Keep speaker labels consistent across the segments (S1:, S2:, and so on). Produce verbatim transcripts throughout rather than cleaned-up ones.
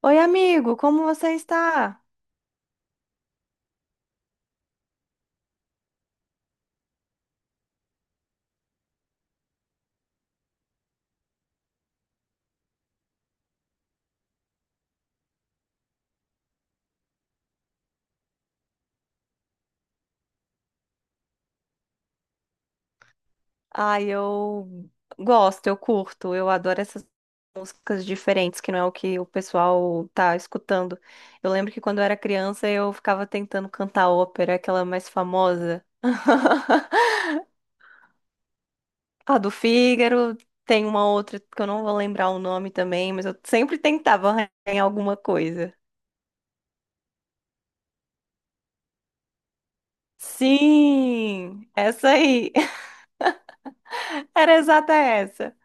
S1: Oi, amigo, como você está? Ai, eu gosto, eu curto, eu adoro essas músicas diferentes, que não é o que o pessoal tá escutando. Eu lembro que quando eu era criança eu ficava tentando cantar ópera, aquela mais famosa. A do Fígaro, tem uma outra que eu não vou lembrar o nome também, mas eu sempre tentava arranhar alguma coisa. Sim, essa aí. Era exata essa.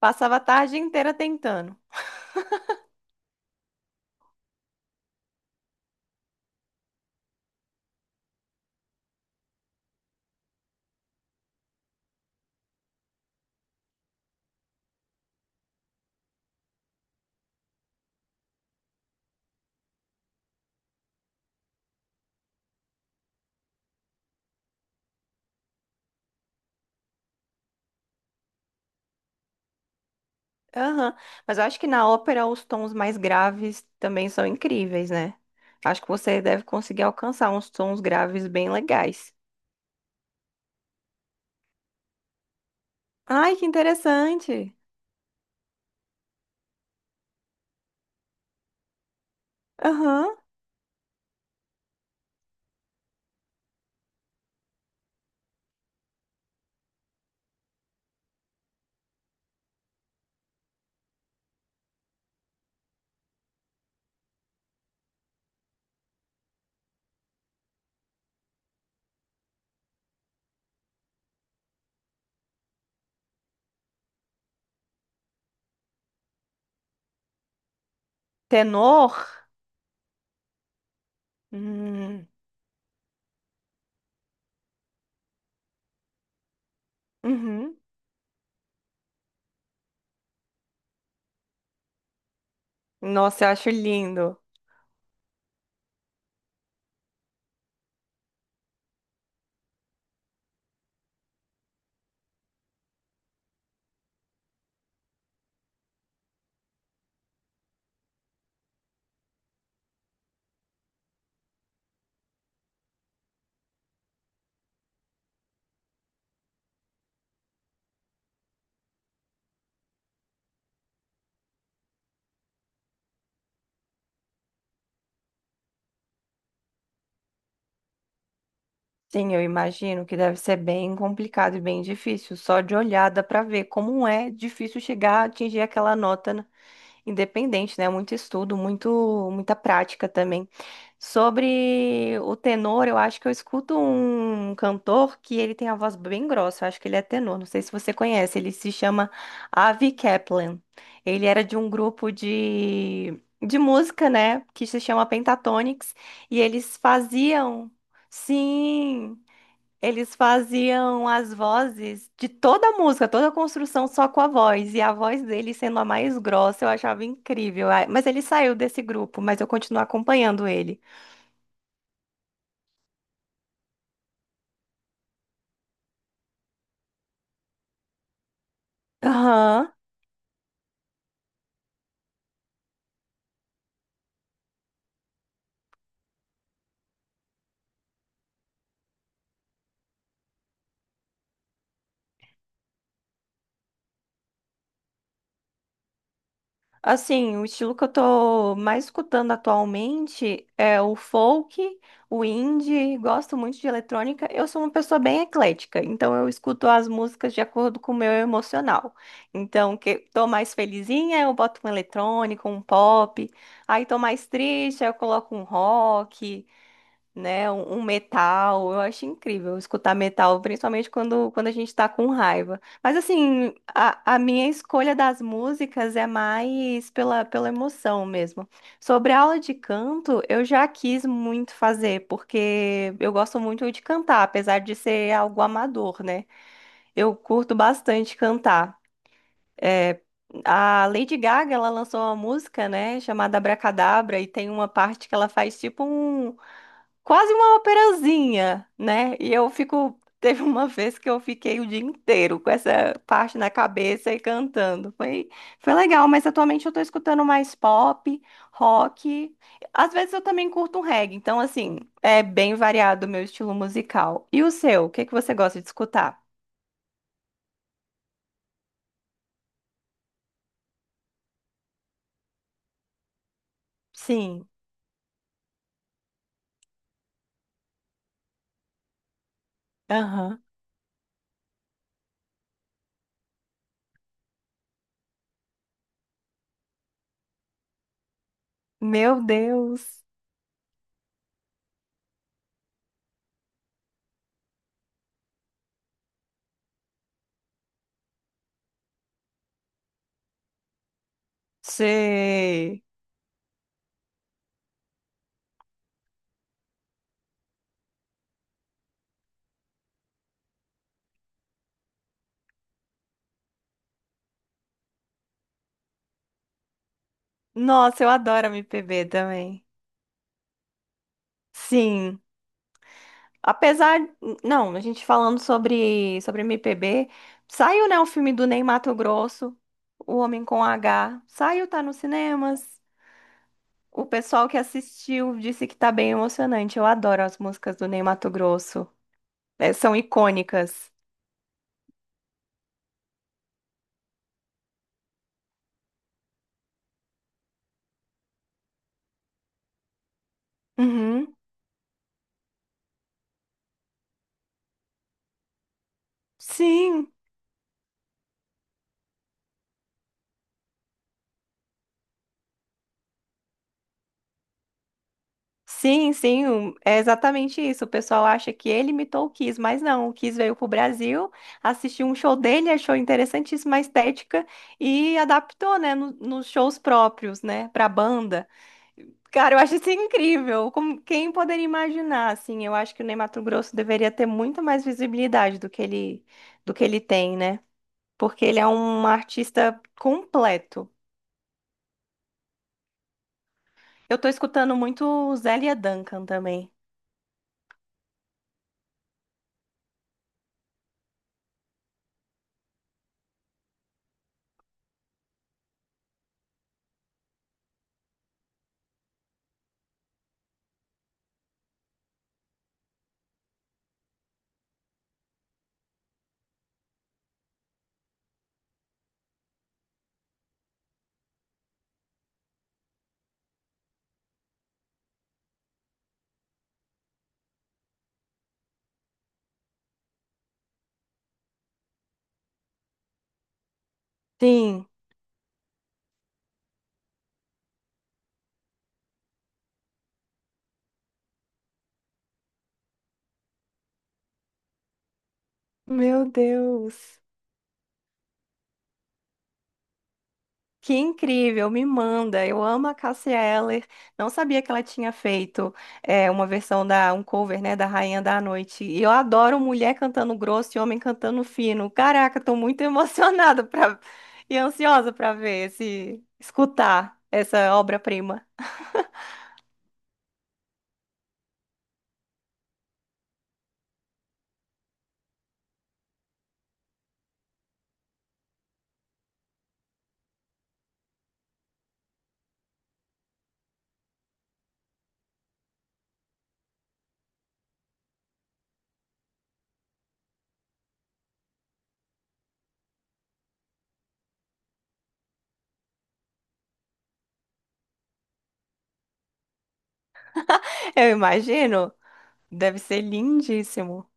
S1: Passava a tarde inteira tentando. Aham. Mas eu acho que na ópera os tons mais graves também são incríveis, né? Acho que você deve conseguir alcançar uns tons graves bem legais. Ai, que interessante. Aham. Tenor? Hum. Uhum. Nossa, eu acho lindo. Sim, eu imagino que deve ser bem complicado e bem difícil. Só de olhada para ver como é difícil chegar a atingir aquela nota independente, né? Muito estudo, muito, muita prática também. Sobre o tenor, eu acho que eu escuto um cantor que ele tem a voz bem grossa, eu acho que ele é tenor, não sei se você conhece, ele se chama Avi Kaplan. Ele era de um grupo de, de música, né, que se chama Pentatonix, e eles faziam, sim, eles faziam as vozes de toda a música, toda a construção só com a voz. E a voz dele sendo a mais grossa, eu achava incrível. Ah, mas ele saiu desse grupo, mas eu continuo acompanhando ele. Aham. Assim, o estilo que eu tô mais escutando atualmente é o folk, o indie, gosto muito de eletrônica. Eu sou uma pessoa bem eclética, então eu escuto as músicas de acordo com o meu emocional. Então, que tô mais felizinha, eu boto um eletrônico, um pop. Aí tô mais triste, aí eu coloco um rock, né? Um, um metal, eu acho incrível escutar metal, principalmente quando, quando a gente tá com raiva. Mas assim, a, a minha escolha das músicas é mais pela, pela emoção mesmo. Sobre a aula de canto, eu já quis muito fazer, porque eu gosto muito de cantar, apesar de ser algo amador, né? Eu curto bastante cantar. É, a Lady Gaga, ela lançou uma música, né, chamada Abracadabra, e tem uma parte que ela faz tipo um, quase uma operazinha, né? E eu fico. Teve uma vez que eu fiquei o dia inteiro com essa parte na cabeça e cantando. Foi, foi legal, mas atualmente eu tô escutando mais pop, rock. Às vezes eu também curto um reggae, então, assim, é bem variado o meu estilo musical. E o seu? O que que você gosta de escutar? Sim. Aham. Meu Deus. Sei. Nossa, eu adoro M P B também. Sim. Apesar, não, a gente falando sobre sobre M P B, saiu, né, o filme do Ney Matogrosso, O Homem com H, saiu, tá nos cinemas. O pessoal que assistiu disse que tá bem emocionante. Eu adoro as músicas do Ney Matogrosso. É, são icônicas. Uhum. Sim. Sim, sim, um- é exatamente isso. O pessoal acha que ele imitou o Kiss, mas não. O Kiss veio pro Brasil, assistiu um show dele, achou interessantíssima a estética e adaptou, né, no- nos shows próprios, né, pra banda. Cara, eu acho isso incrível. Como, quem poderia imaginar, assim? Eu acho que o Ney Matogrosso deveria ter muito mais visibilidade do que ele, do que ele tem, né? Porque ele é um artista completo. Eu tô escutando muito Zélia Duncan também. Sim, meu Deus. Que incrível, me manda. Eu amo a Cássia Eller. Não sabia que ela tinha feito é, uma versão da um cover, né, da Rainha da Noite. E eu adoro mulher cantando grosso e homem cantando fino. Caraca, tô muito emocionada pra... e ansiosa para ver esse escutar essa obra-prima. Eu imagino, deve ser lindíssimo.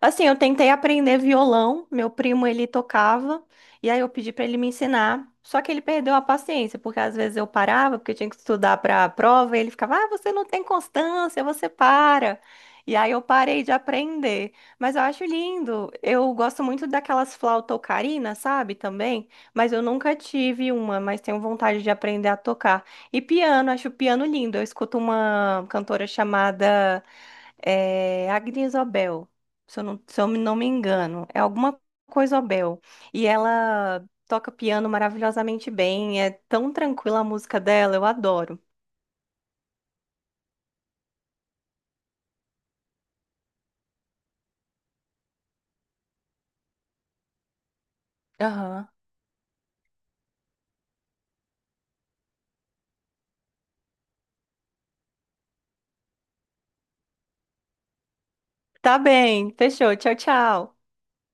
S1: Assim, eu tentei aprender violão, meu primo ele tocava, e aí eu pedi pra ele me ensinar. Só que ele perdeu a paciência, porque às vezes eu parava, porque eu tinha que estudar para a prova, e ele ficava: "Ah, você não tem constância, você para". E aí eu parei de aprender. Mas eu acho lindo. Eu gosto muito daquelas flauta ocarina, sabe, também, mas eu nunca tive uma, mas tenho vontade de aprender a tocar. E piano, acho o piano lindo. Eu escuto uma cantora chamada eh, Agnes Obel, se eu não, se eu não me engano. É alguma coisa Abel. E ela toca piano maravilhosamente bem. É tão tranquila a música dela, eu adoro. Aham. Tá bem, fechou. Tchau, tchau.